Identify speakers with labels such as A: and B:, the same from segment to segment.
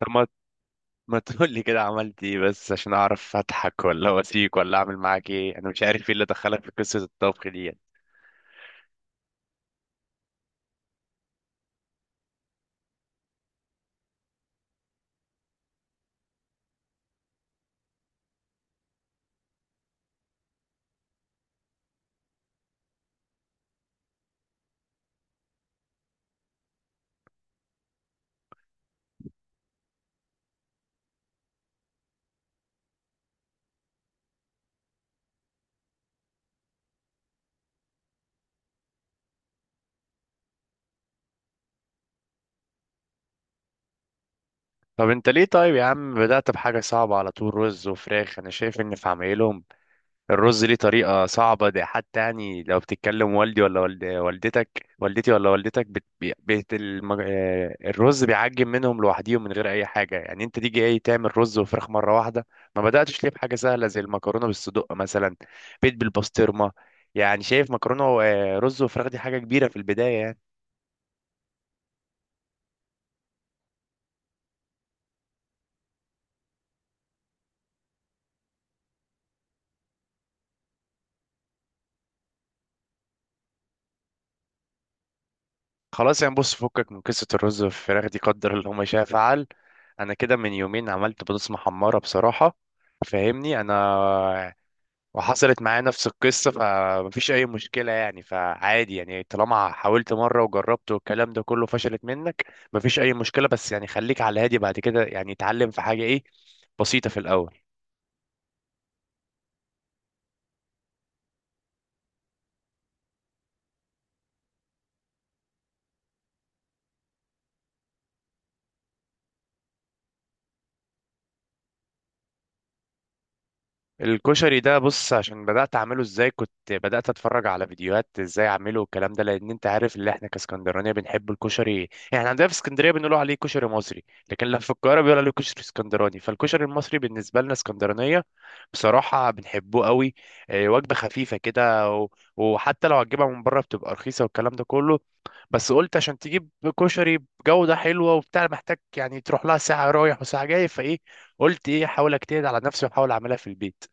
A: طب ما تقول لي كده عملت ايه؟ بس عشان اعرف اضحك ولا واسيك ولا اعمل معاك ايه. انا مش عارف ايه اللي دخلك في قصة الطبخ دي. طب انت ليه طيب يا عم بدأت بحاجة صعبة على طول؟ رز وفراخ، انا شايف ان في عمايلهم الرز ليه طريقة صعبة. ده حتى يعني لو بتتكلم والدي ولا والدتك، والدتي ولا والدتك بت... بي- بيت المج... آه، الرز بيعجن منهم لوحديهم من غير أي حاجة. يعني أنت تيجي إيه تعمل رز وفراخ مرة واحدة؟ ما بدأتش ليه بحاجة سهلة زي المكرونة بالصدق مثلا، بيت بالبسطرمة. يعني شايف مكرونة ورز وفراخ دي حاجة كبيرة في البداية يعني. خلاص، يعني بص فكك من قصة الرز والفراخ دي، قدر اللي هما شاء فعل. أنا كده من يومين عملت بطاطس محمرة بصراحة، فاهمني انا، وحصلت معايا نفس القصة، فمفيش أي مشكلة يعني. فعادي يعني، طالما حاولت مرة وجربت والكلام ده كله، فشلت منك مفيش أي مشكلة. بس يعني خليك على هادي بعد كده، يعني اتعلم في حاجة إيه بسيطة في الأول. الكشري ده بص عشان بدأت أعمله إزاي، كنت بدأت أتفرج على فيديوهات إزاي أعمله والكلام ده، لأن أنت عارف اللي إحنا كاسكندرانية بنحب الكشري. يعني عندنا في اسكندرية بنقولوا عليه كشري مصري، لكن لما في القاهرة بيقولوا عليه كشري اسكندراني. فالكشري المصري بالنسبة لنا اسكندرانية بصراحة بنحبه قوي. إيه، وجبة خفيفة كده وحتى لو هتجيبها من بره بتبقى رخيصة والكلام ده كله. بس قلت عشان تجيب كشري بجودة حلوة وبتاع، محتاج يعني تروح لها ساعة رايح وساعة جاي، فإيه قلت إيه أحاول أجتهد على نفسي وأحاول أعملها في البيت.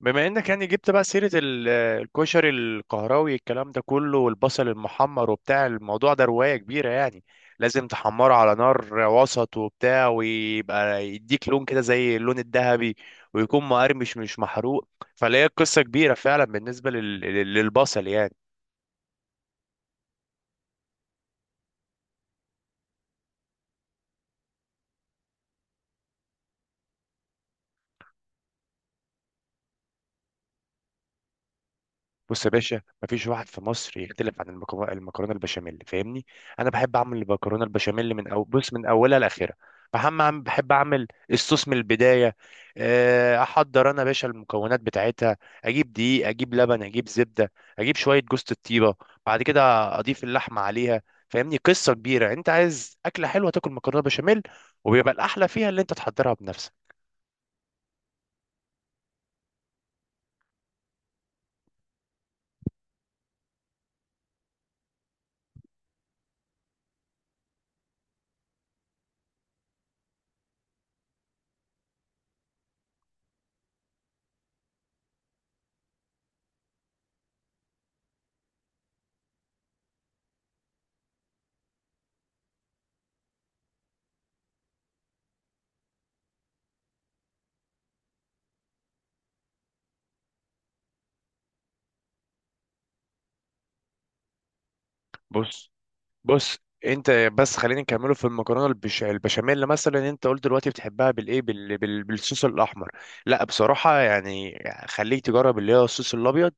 A: بما انك يعني جبت بقى سيرة الكشري القهراوي الكلام ده كله والبصل المحمر وبتاع، الموضوع ده رواية كبيرة يعني. لازم تحمره على نار وسط وبتاع ويبقى يديك لون كده زي اللون الذهبي، ويكون مقرمش مش محروق. فلا هي قصة كبيرة فعلا بالنسبة للبصل يعني. بص يا باشا، مفيش واحد في مصر يختلف عن المكرونه البشاميل فاهمني. انا بحب اعمل المكرونه البشاميل من أو بص من اولها لاخرها. بحب اعمل الصوص من البدايه. احضر انا يا باشا المكونات بتاعتها. اجيب دقيق، اجيب لبن، اجيب زبده، اجيب شويه جوز الطيبه. بعد كده اضيف اللحمه عليها. فاهمني، قصه كبيره. انت عايز اكله حلوه، تاكل مكرونه بشاميل. وبيبقى الاحلى فيها اللي انت تحضرها بنفسك. بص بص انت بس خلينا نكمله في المكرونه البشاميل. مثلا انت قلت دلوقتي بتحبها بالايه بالصوص الاحمر. لا بصراحه يعني خليك تجرب اللي هو الصوص الابيض.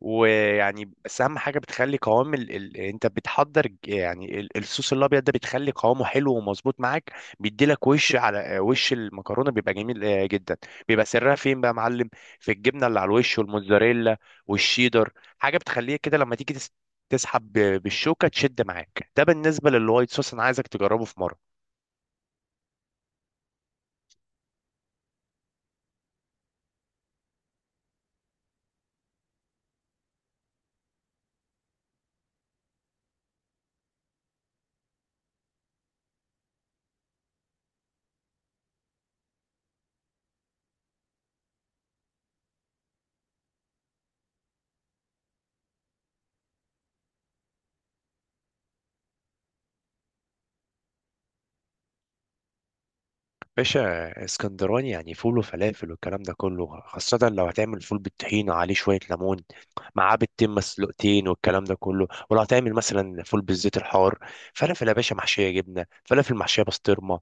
A: ويعني بس اهم حاجه بتخلي قوام انت بتحضر يعني الصوص الابيض ده، بتخلي قوامه حلو ومظبوط معاك. بيديلك وش على وش المكرونه، بيبقى جميل جدا. بيبقى سرها فين بقى يا معلم؟ في الجبنه اللي على الوش، والموتزاريلا والشيدر. حاجه بتخليك كده لما تيجي تسحب بالشوكه تشد معاك. ده بالنسبه للوايت صوص، انا عايزك تجربه في مره. باشا، اسكندراني يعني فول وفلافل والكلام ده كله، خاصه لو هتعمل فول بالطحينه عليه شويه ليمون، معاه بيضتين مسلوقتين والكلام ده كله. ولو هتعمل مثلا فول بالزيت الحار، فلافل يا باشا محشيه جبنه، فلافل محشيه بسطرمه.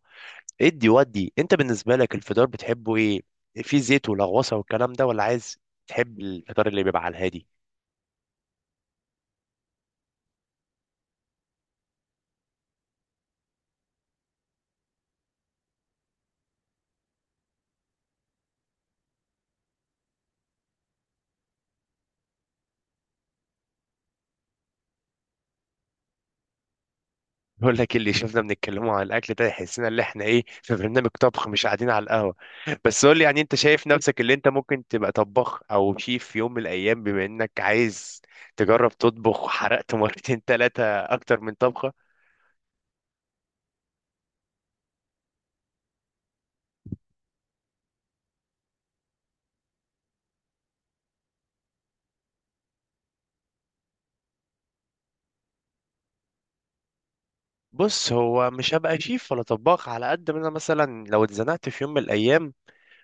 A: ادي ودي، انت بالنسبه لك الفطار بتحبه ايه؟ في زيت ولغوصه والكلام ده، ولا عايز تحب الفطار اللي بيبقى على الهادي؟ بقول لك اللي شفنا بنتكلموا عن الاكل ده، يحسنا ان احنا ايه في برنامج طبخ مش قاعدين على القهوه. بس قول لي يعني، انت شايف نفسك اللي انت ممكن تبقى طباخ او شيف في يوم من الايام بما انك عايز تجرب تطبخ، وحرقت مرتين ثلاثه اكتر من طبخه؟ بص، هو مش هبقى شيف ولا طباخ، على قد ما انا مثلا لو اتزنقت في يوم من الايام،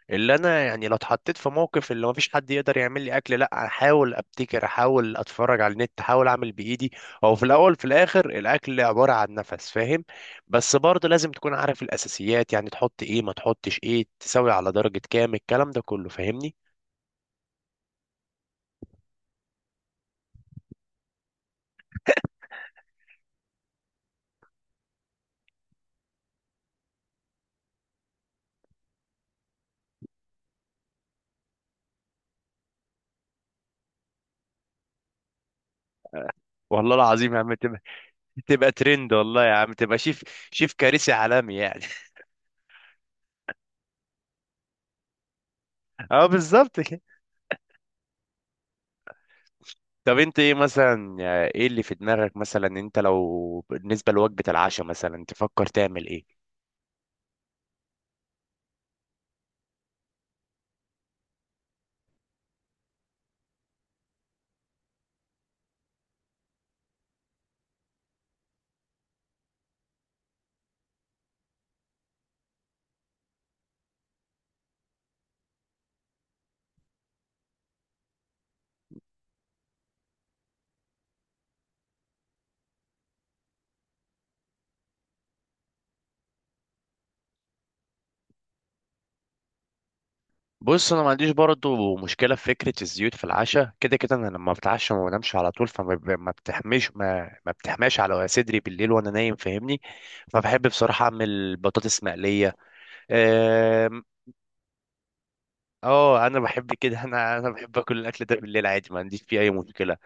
A: اللي انا يعني لو اتحطيت في موقف اللي مفيش حد يقدر يعمل لي اكل، لا احاول ابتكر، احاول اتفرج على النت، احاول اعمل بايدي. هو في الاول في الاخر الاكل عباره عن نفس فاهم. بس برضه لازم تكون عارف الاساسيات يعني، تحط ايه ما تحطش ايه، تسوي على درجه كام، الكلام ده كله فاهمني. والله العظيم يا عم تبقى ترند والله يا عم. تبقى شيف. شيف كارثي عالمي يعني. اه بالظبط كده. طب انت ايه مثلا، ايه اللي في دماغك مثلا انت لو بالنسبه لوجبه العشاء مثلا تفكر تعمل ايه؟ بص انا ما عنديش برضه مشكله في فكره الزيوت في العشاء. كده كده انا لما بتعشى ما بنامش على طول، فما ما بتحمش، ما بتحماش على صدري بالليل وانا نايم فاهمني. فبحب بصراحه اعمل بطاطس مقليه. آم، اه انا بحب كده. انا بحب اكل الاكل ده بالليل عادي، ما عنديش فيه اي مشكله.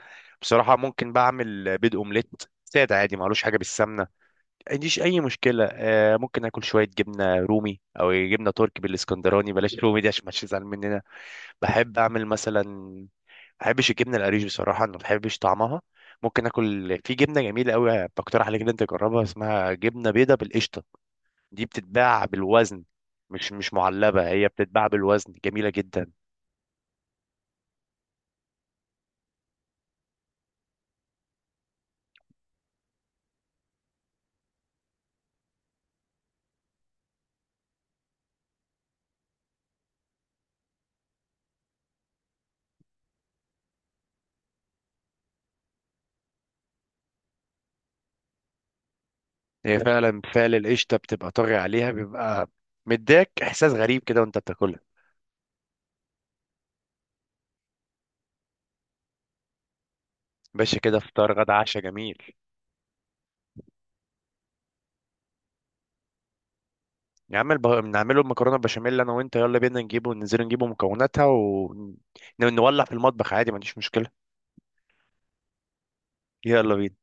A: بصراحه ممكن بعمل بيض اومليت ساده عادي، معلوش حاجه بالسمنه ما عنديش اي مشكله. ممكن اكل شويه جبنه رومي او جبنه تركي بالاسكندراني، بلاش رومي دي عشان ما تزعل مننا. بحب اعمل مثلا ما بحبش الجبنه القريش بصراحه، انا ما بحبش طعمها. ممكن اكل في جبنه جميله قوي، بقترح عليك ان انت تجربها، اسمها جبنه بيضه بالقشطه. دي بتتباع بالوزن، مش معلبه، هي بتتباع بالوزن جميله جدا. هي فعلا فعل القشطه بتبقى طاغي عليها، بيبقى مديك احساس غريب كده وانت بتاكلها. باشا كده فطار غدا عشاء جميل. يا عم نعمله المكرونه بشاميل انا وانت، يلا بينا نجيبه، وننزل نجيبه مكوناتها ونولع في المطبخ عادي ما عنديش مشكله. يلا بينا.